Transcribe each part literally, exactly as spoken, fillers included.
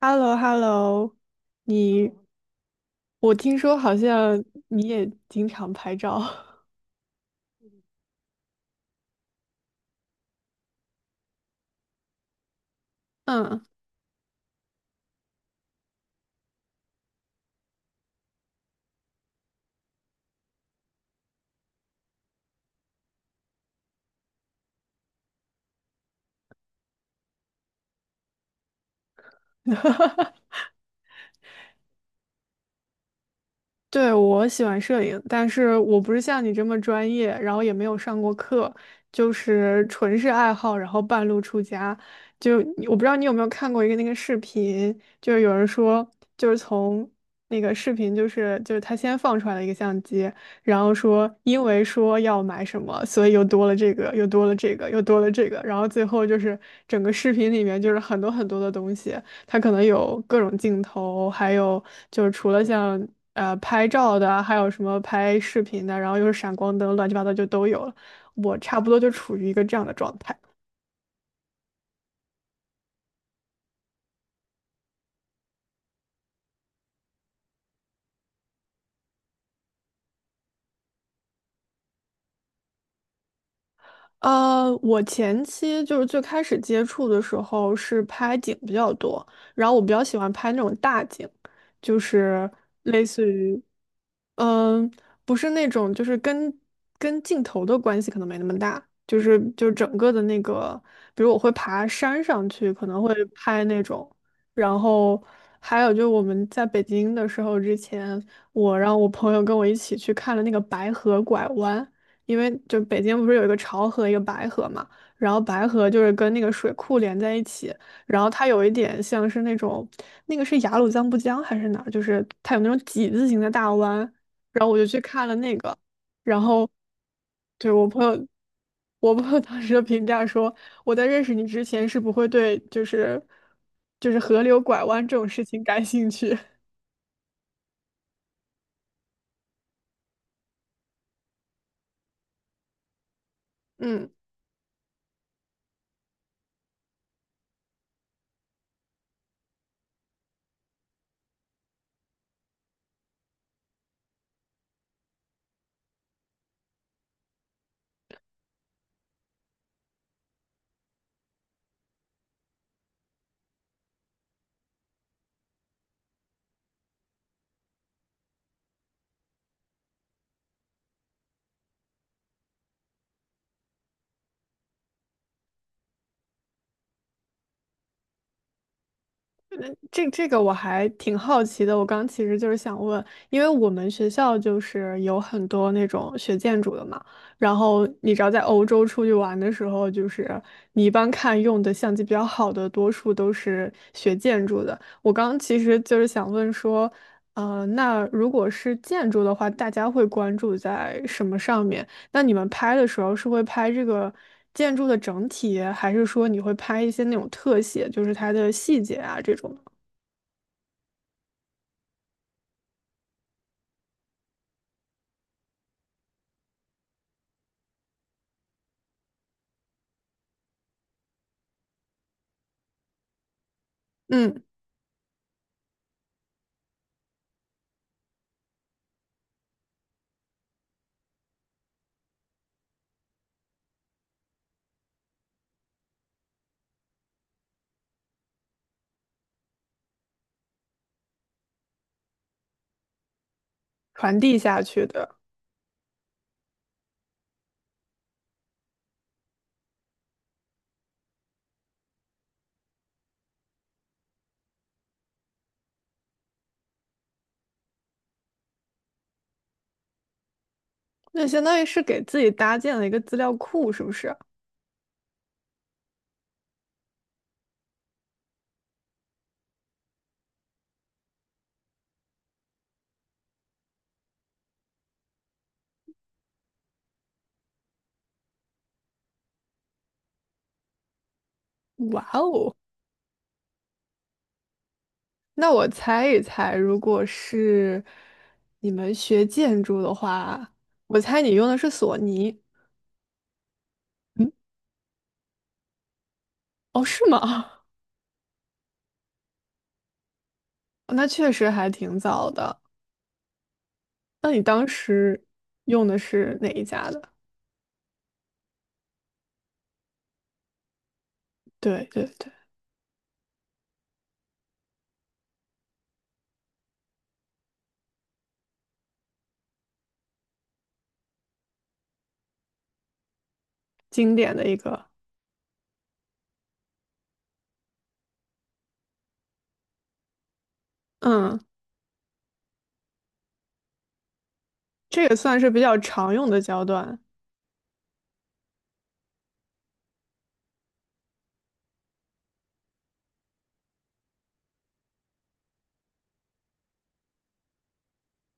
h e l l o h e l l o 你，我听说好像你也经常拍照，嗯，对，我喜欢摄影，但是我不是像你这么专业，然后也没有上过课，就是纯是爱好，然后半路出家。就我不知道你有没有看过一个那个视频，就是有人说，就是从那个视频，就是就是他先放出来了一个相机，然后说因为说要买什么，所以又多了这个，又多了这个，又多了这个，然后最后就是整个视频里面就是很多很多的东西。它可能有各种镜头，还有就是除了像呃拍照的啊还有什么拍视频的，然后又是闪光灯，乱七八糟就都有了。我差不多就处于一个这样的状态。呃，我前期就是最开始接触的时候是拍景比较多，然后我比较喜欢拍那种大景，就是类似于，嗯、不是那种就是跟跟镜头的关系可能没那么大，就是就是整个的那个，比如我会爬山上去，可能会拍那种，然后还有就是我们在北京的时候之前，我让我朋友跟我一起去看了那个白河拐弯。因为就北京不是有一个潮河，一个白河嘛，然后白河就是跟那个水库连在一起，然后它有一点像是那种，那个是雅鲁藏布江还是哪儿，就是它有那种几字形的大湾，然后我就去看了那个，然后对我朋友，我朋友当时的评价说，我在认识你之前是不会对就是就是河流拐弯这种事情感兴趣，嗯。这这个我还挺好奇的，我刚其实就是想问，因为我们学校就是有很多那种学建筑的嘛，然后你知道在欧洲出去玩的时候，就是你一般看用的相机比较好的，多数都是学建筑的。我刚其实就是想问说，呃，那如果是建筑的话，大家会关注在什么上面？那你们拍的时候是会拍这个建筑的整体，还是说你会拍一些那种特写，就是它的细节啊这种？嗯，传递下去的，那相当于是给自己搭建了一个资料库，是不是？哇哦，那我猜一猜，如果是你们学建筑的话，我猜你用的是索尼。嗯，哦，是吗？那确实还挺早的。那你当时用的是哪一家的？对对对，经典的一个，嗯，这也算是比较常用的焦段。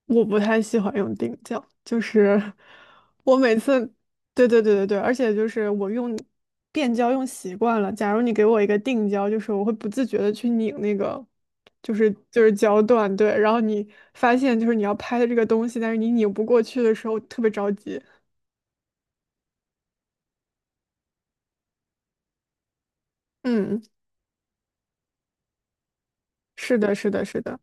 我不太喜欢用定焦，就是我每次，对对对对对，而且就是我用变焦用习惯了。假如你给我一个定焦，就是我会不自觉的去拧那个，就是就是焦段，对。然后你发现就是你要拍的这个东西，但是你拧不过去的时候，特别着急。嗯，是的，是的，是的。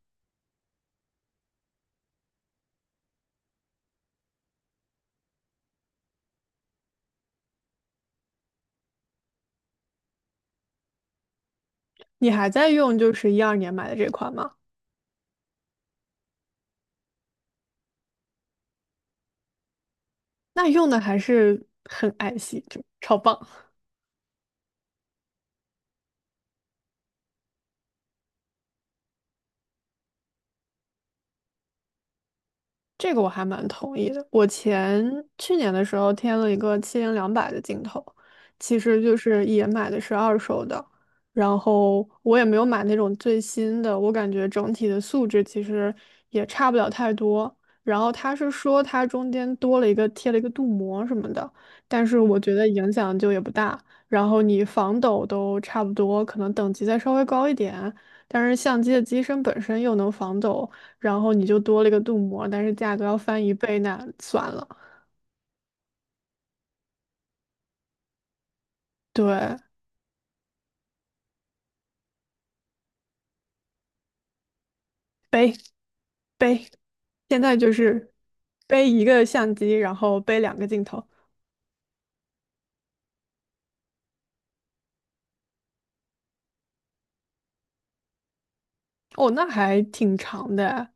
你还在用就是一二年买的这款吗？那用的还是很爱惜，就超棒。这个我还蛮同意的。我前去年的时候添了一个七零两百的镜头，其实就是也买的是二手的，然后我也没有买那种最新的，我感觉整体的素质其实也差不了太多。然后他是说它中间多了一个贴了一个镀膜什么的，但是我觉得影响就也不大。然后你防抖都差不多，可能等级再稍微高一点，但是相机的机身本身又能防抖。然后你就多了一个镀膜，但是价格要翻一倍，那算了。对，背背，现在就是背一个相机，然后背两个镜头。哦，那还挺长的哎。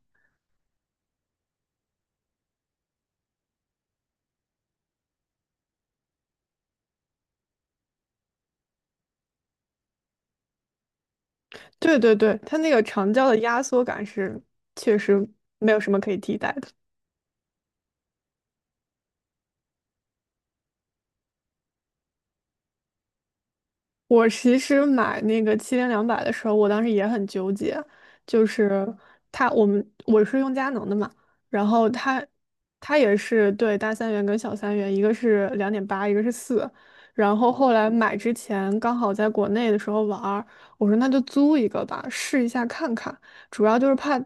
对对对，它那个长焦的压缩感是确实没有什么可以替代的。我其实买那个七零两百的时候，我当时也很纠结，就是它我们我是用佳能的嘛，然后它它也是对大三元跟小三元，一个是两点八，一个是四，然后后来买之前刚好在国内的时候玩儿我说那就租一个吧，试一下看看，主要就是怕，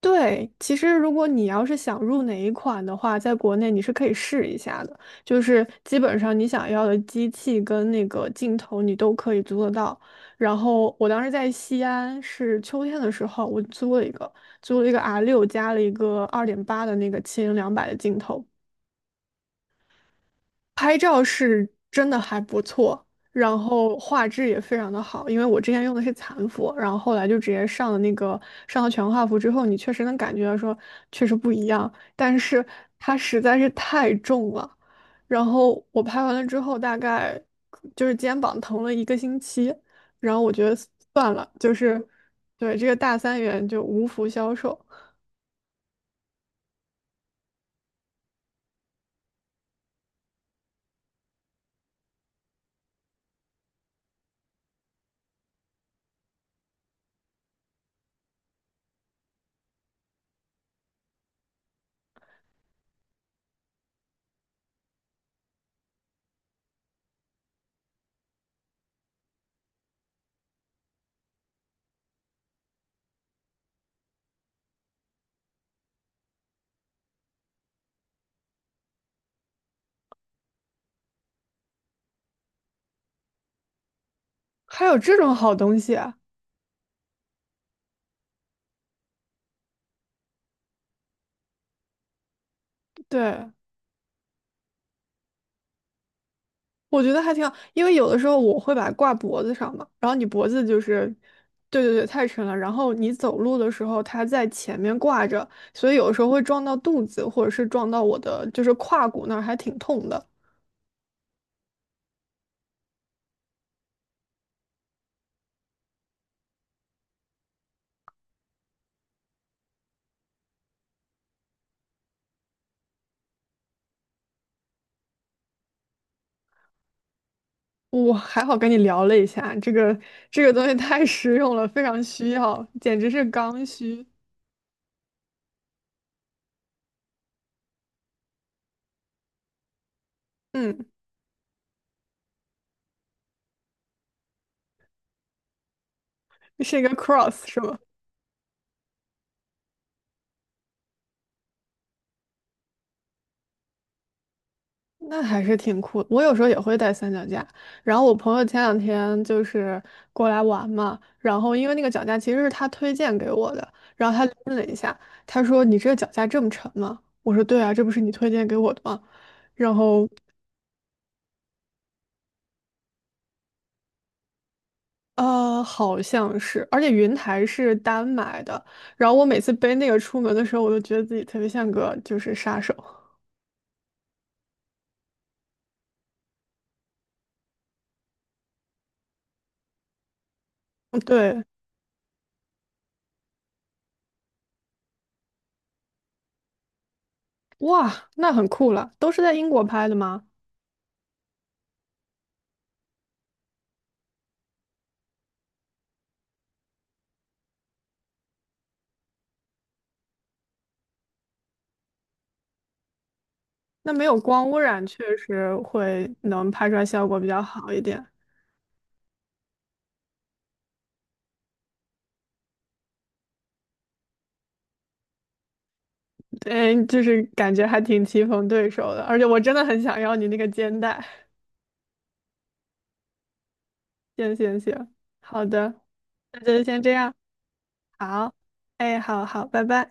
对，其实如果你要是想入哪一款的话，在国内你是可以试一下的，就是基本上你想要的机器跟那个镜头你都可以租得到。然后我当时在西安是秋天的时候，我租了一个，租了一个 R 六加了一个二点八的那个七零两百的镜头，拍照是真的还不错，然后画质也非常的好。因为我之前用的是残幅，然后后来就直接上了那个上了全画幅之后，你确实能感觉到说确实不一样，但是它实在是太重了。然后我拍完了之后，大概就是肩膀疼了一个星期，然后我觉得算了，就是对这个大三元就无福消受。还有这种好东西啊？对。我觉得还挺好，因为有的时候我会把它挂脖子上嘛，然后你脖子就是，对对对，太沉了，然后你走路的时候它在前面挂着，所以有的时候会撞到肚子，或者是撞到我的就是胯骨那儿，还挺痛的。我还好跟你聊了一下，这个这个东西太实用了，非常需要，简直是刚需。嗯，是一个 cross 是吗？那还是挺酷的。我有时候也会带三脚架，然后我朋友前两天就是过来玩嘛，然后因为那个脚架其实是他推荐给我的，然后他拎了一下，他说："你这个脚架这么沉吗？"我说："对啊，这不是你推荐给我的吗？"然后呃，好像是，而且云台是单买的，然后我每次背那个出门的时候，我都觉得自己特别像个就是杀手。对，哇，那很酷了，都是在英国拍的吗？那没有光污染，确实会能拍出来效果比较好一点。对，就是感觉还挺棋逢对手的，而且我真的很想要你那个肩带。行行行，好的，那就先这样。好，哎，好好，拜拜。